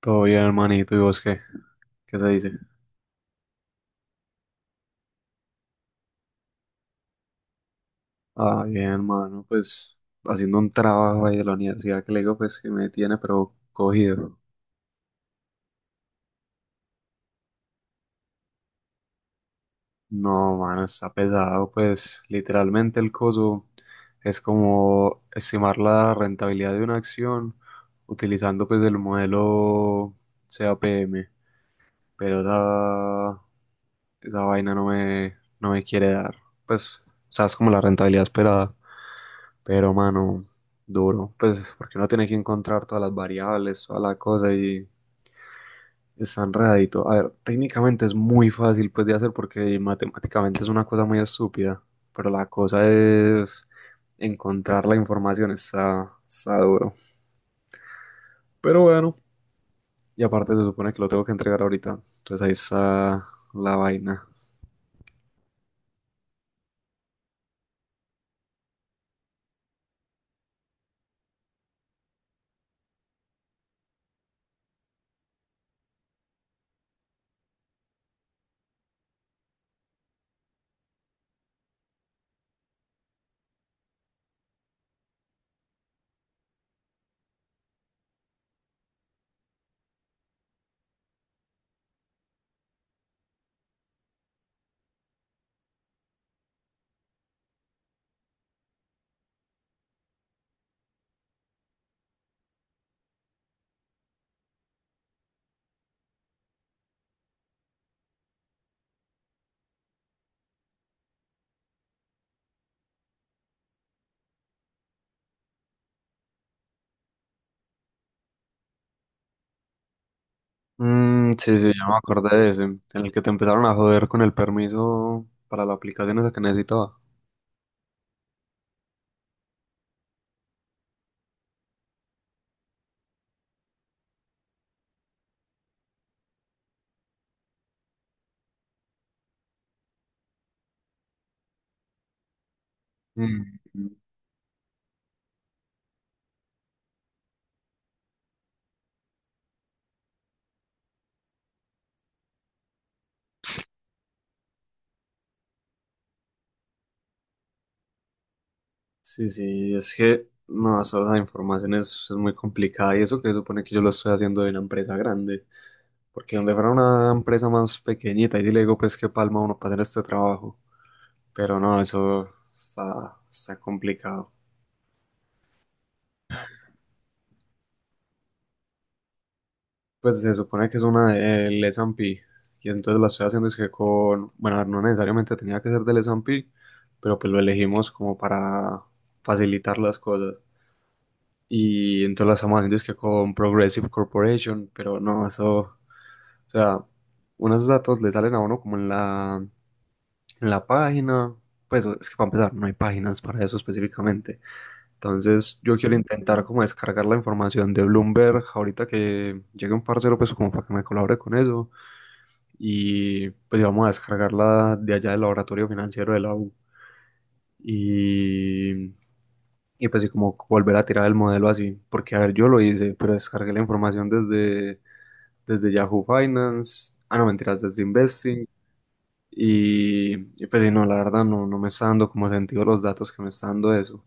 Todo bien, hermanito, ¿y vos qué? ¿Qué se dice? Ah, bien, hermano, pues haciendo un trabajo ahí de la universidad que le digo, pues que me tiene, pero cogido. No, mano, está pesado, pues literalmente el coso es como estimar la rentabilidad de una acción utilizando pues el modelo CAPM pero esa, esa vaina no me quiere dar, pues, o sea, es como la rentabilidad esperada. Pero, mano, duro, pues porque uno tiene que encontrar todas las variables, toda la cosa y está enredadito. A ver, técnicamente es muy fácil pues de hacer porque matemáticamente es una cosa muy estúpida, pero la cosa es encontrar la información, está duro. Pero bueno, y aparte se supone que lo tengo que entregar ahorita, entonces ahí está la vaina. Mm, sí, sí, ya me acordé de ese, en el que te empezaron a joder con el permiso para la aplicación esa que necesitaba. Mm, sí, sí, es que no, eso, esa información es muy complicada y eso que se supone que yo lo estoy haciendo de una empresa grande, porque donde fuera una empresa más pequeñita, y sí le digo pues qué palma uno para hacer este trabajo, pero no, eso está complicado. Pues se supone que es una del S&P y entonces la estoy haciendo es que con, bueno, a ver, no necesariamente tenía que ser del S&P, pero pues lo elegimos como para facilitar las cosas. Y entonces la estamos haciendo es que con Progressive Corporation, pero no, eso, o sea, unos datos le salen a uno como en la página, pues es que para empezar, no hay páginas para eso específicamente. Entonces yo quiero intentar como descargar la información de Bloomberg ahorita que llegue un parcero, pues como para que me colabore con eso, y pues vamos a descargarla de allá del laboratorio financiero de la U. Y Y pues sí, como volver a tirar el modelo así, porque a ver, yo lo hice, pero descargué la información desde Yahoo Finance, ah, no, mentiras, desde Investing, y, y pues sí, no, la verdad no, no me está dando como sentido los datos que me está dando eso.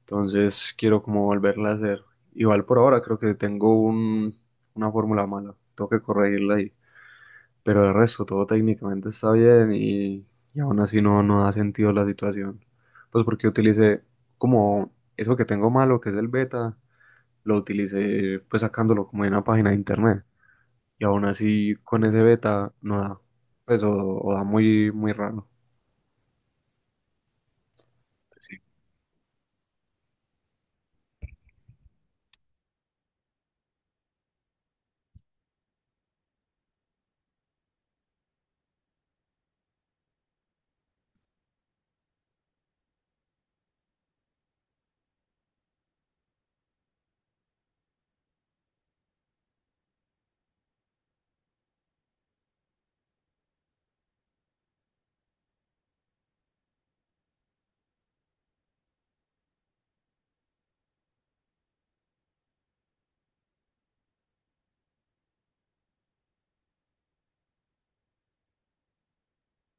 Entonces quiero como volverla a hacer. Igual por ahora creo que tengo una fórmula mala, tengo que corregirla ahí, pero el resto todo técnicamente está bien y aún así no, no da sentido la situación. Pues porque utilicé como eso que tengo malo, que es el beta lo utilicé pues sacándolo como de una página de internet. Y aún así con ese beta no da. Pues o da muy, muy raro. Sí.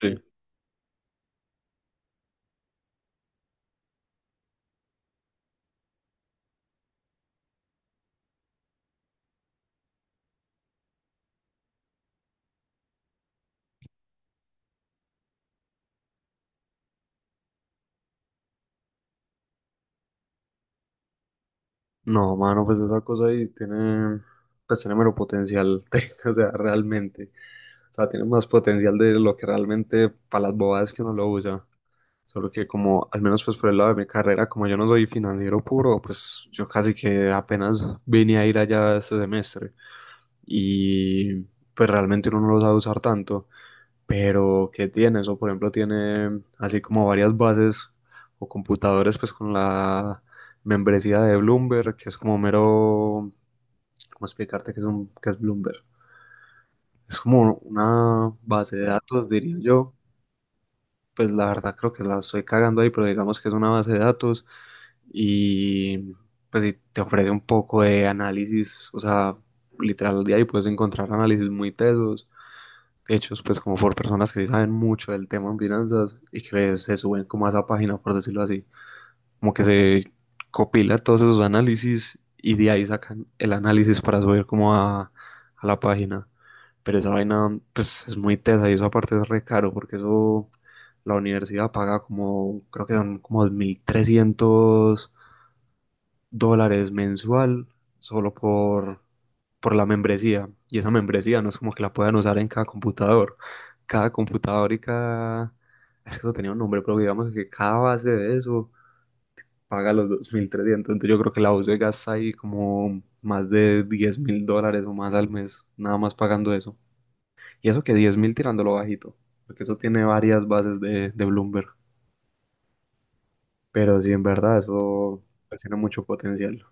Sí. No, mano, pues esa cosa ahí tiene, pues tiene mero potencial, o sea, realmente. O sea, tiene más potencial de lo que realmente para las bobadas que uno lo usa. Solo que como, al menos pues por el lado de mi carrera, como yo no soy financiero puro, pues yo casi que apenas vine a ir allá este semestre. Y pues realmente uno no lo sabe usar tanto. Pero, ¿qué tiene eso? Por ejemplo, tiene así como varias bases o computadores, pues con la membresía de Bloomberg, que es como mero, ¿cómo explicarte qué es Bloomberg? Es como una base de datos, diría yo. Pues la verdad creo que la estoy cagando ahí, pero digamos que es una base de datos y pues sí te ofrece un poco de análisis, o sea, literal de ahí puedes encontrar análisis muy tesos hechos pues como por personas que sí saben mucho del tema en finanzas y que se suben como a esa página, por decirlo así, como que se copila todos esos análisis y de ahí sacan el análisis para subir como a la página. Pero esa vaina pues es muy tesa y eso aparte es re caro porque eso la universidad paga como, creo que son como 2.300 dólares mensual solo por la membresía. Y esa membresía no es como que la puedan usar en cada computador. Cada computador y cada. Es que eso tenía un nombre, pero digamos que cada base de eso paga los 2.300. Entonces yo creo que la UCE gasta ahí como más de 10.000 dólares o más al mes, nada más pagando eso. Y eso que 10.000 tirándolo bajito, porque eso tiene varias bases de Bloomberg. Pero sí, en verdad, eso pues, tiene mucho potencial.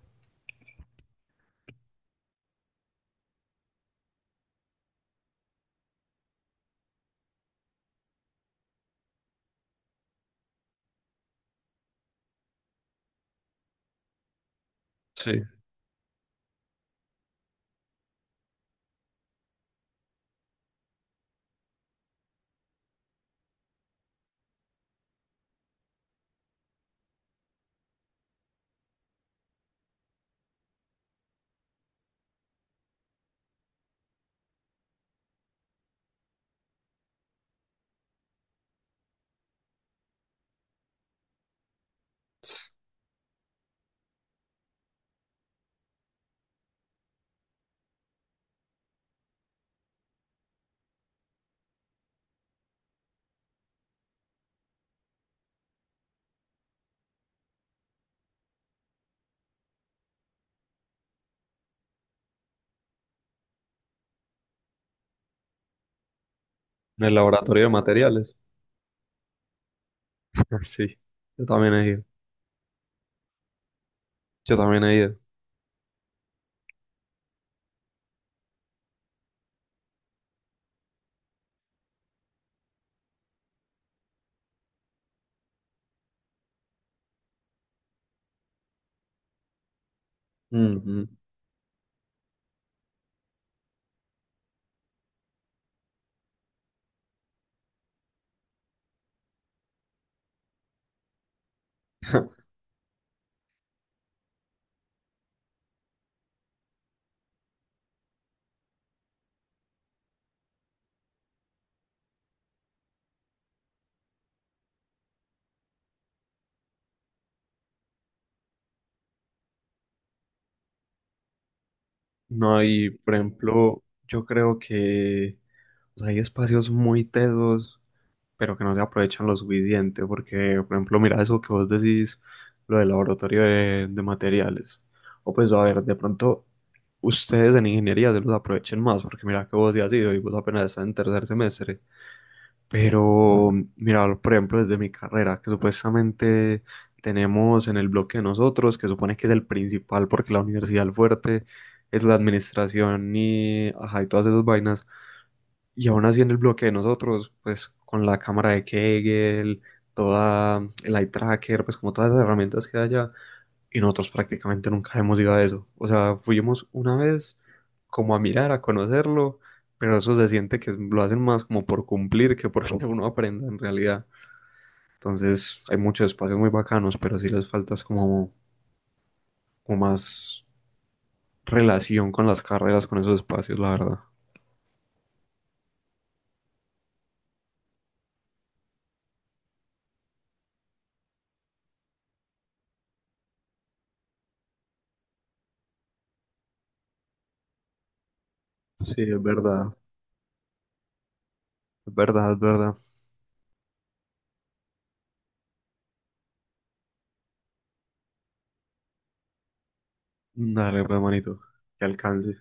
Sí. En el laboratorio de materiales. Ah, sí, yo también he ido. Yo también he ido. Ujú. No, y por ejemplo, yo creo que o sea, hay espacios muy tesos, pero que no se aprovechan lo suficiente, porque, por ejemplo, mira eso que vos decís, lo del laboratorio de materiales. O pues, a ver, de pronto, ustedes en ingeniería se los aprovechen más, porque mira que vos ya has ido y vos apenas estás en tercer semestre. Pero, mira, por ejemplo, desde mi carrera, que supuestamente tenemos en el bloque de nosotros, que supone que es el principal porque la universidad el fuerte es la administración y, ajá, y todas esas vainas. Y aún así en el bloque de nosotros, pues con la cámara de Kegel, toda el eye tracker, pues como todas esas herramientas que hay allá, y nosotros prácticamente nunca hemos ido a eso. O sea, fuimos una vez como a mirar, a conocerlo, pero eso se siente que lo hacen más como por cumplir que porque uno aprenda en realidad. Entonces, hay muchos espacios muy bacanos, pero sí les falta es como, más relación con las carreras, con esos espacios, la verdad. Sí, es verdad. Es verdad, es verdad. Dale, pues, manito, que alcance.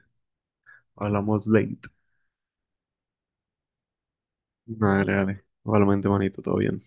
Hablamos late. Dale, dale. Igualmente, manito, todo bien.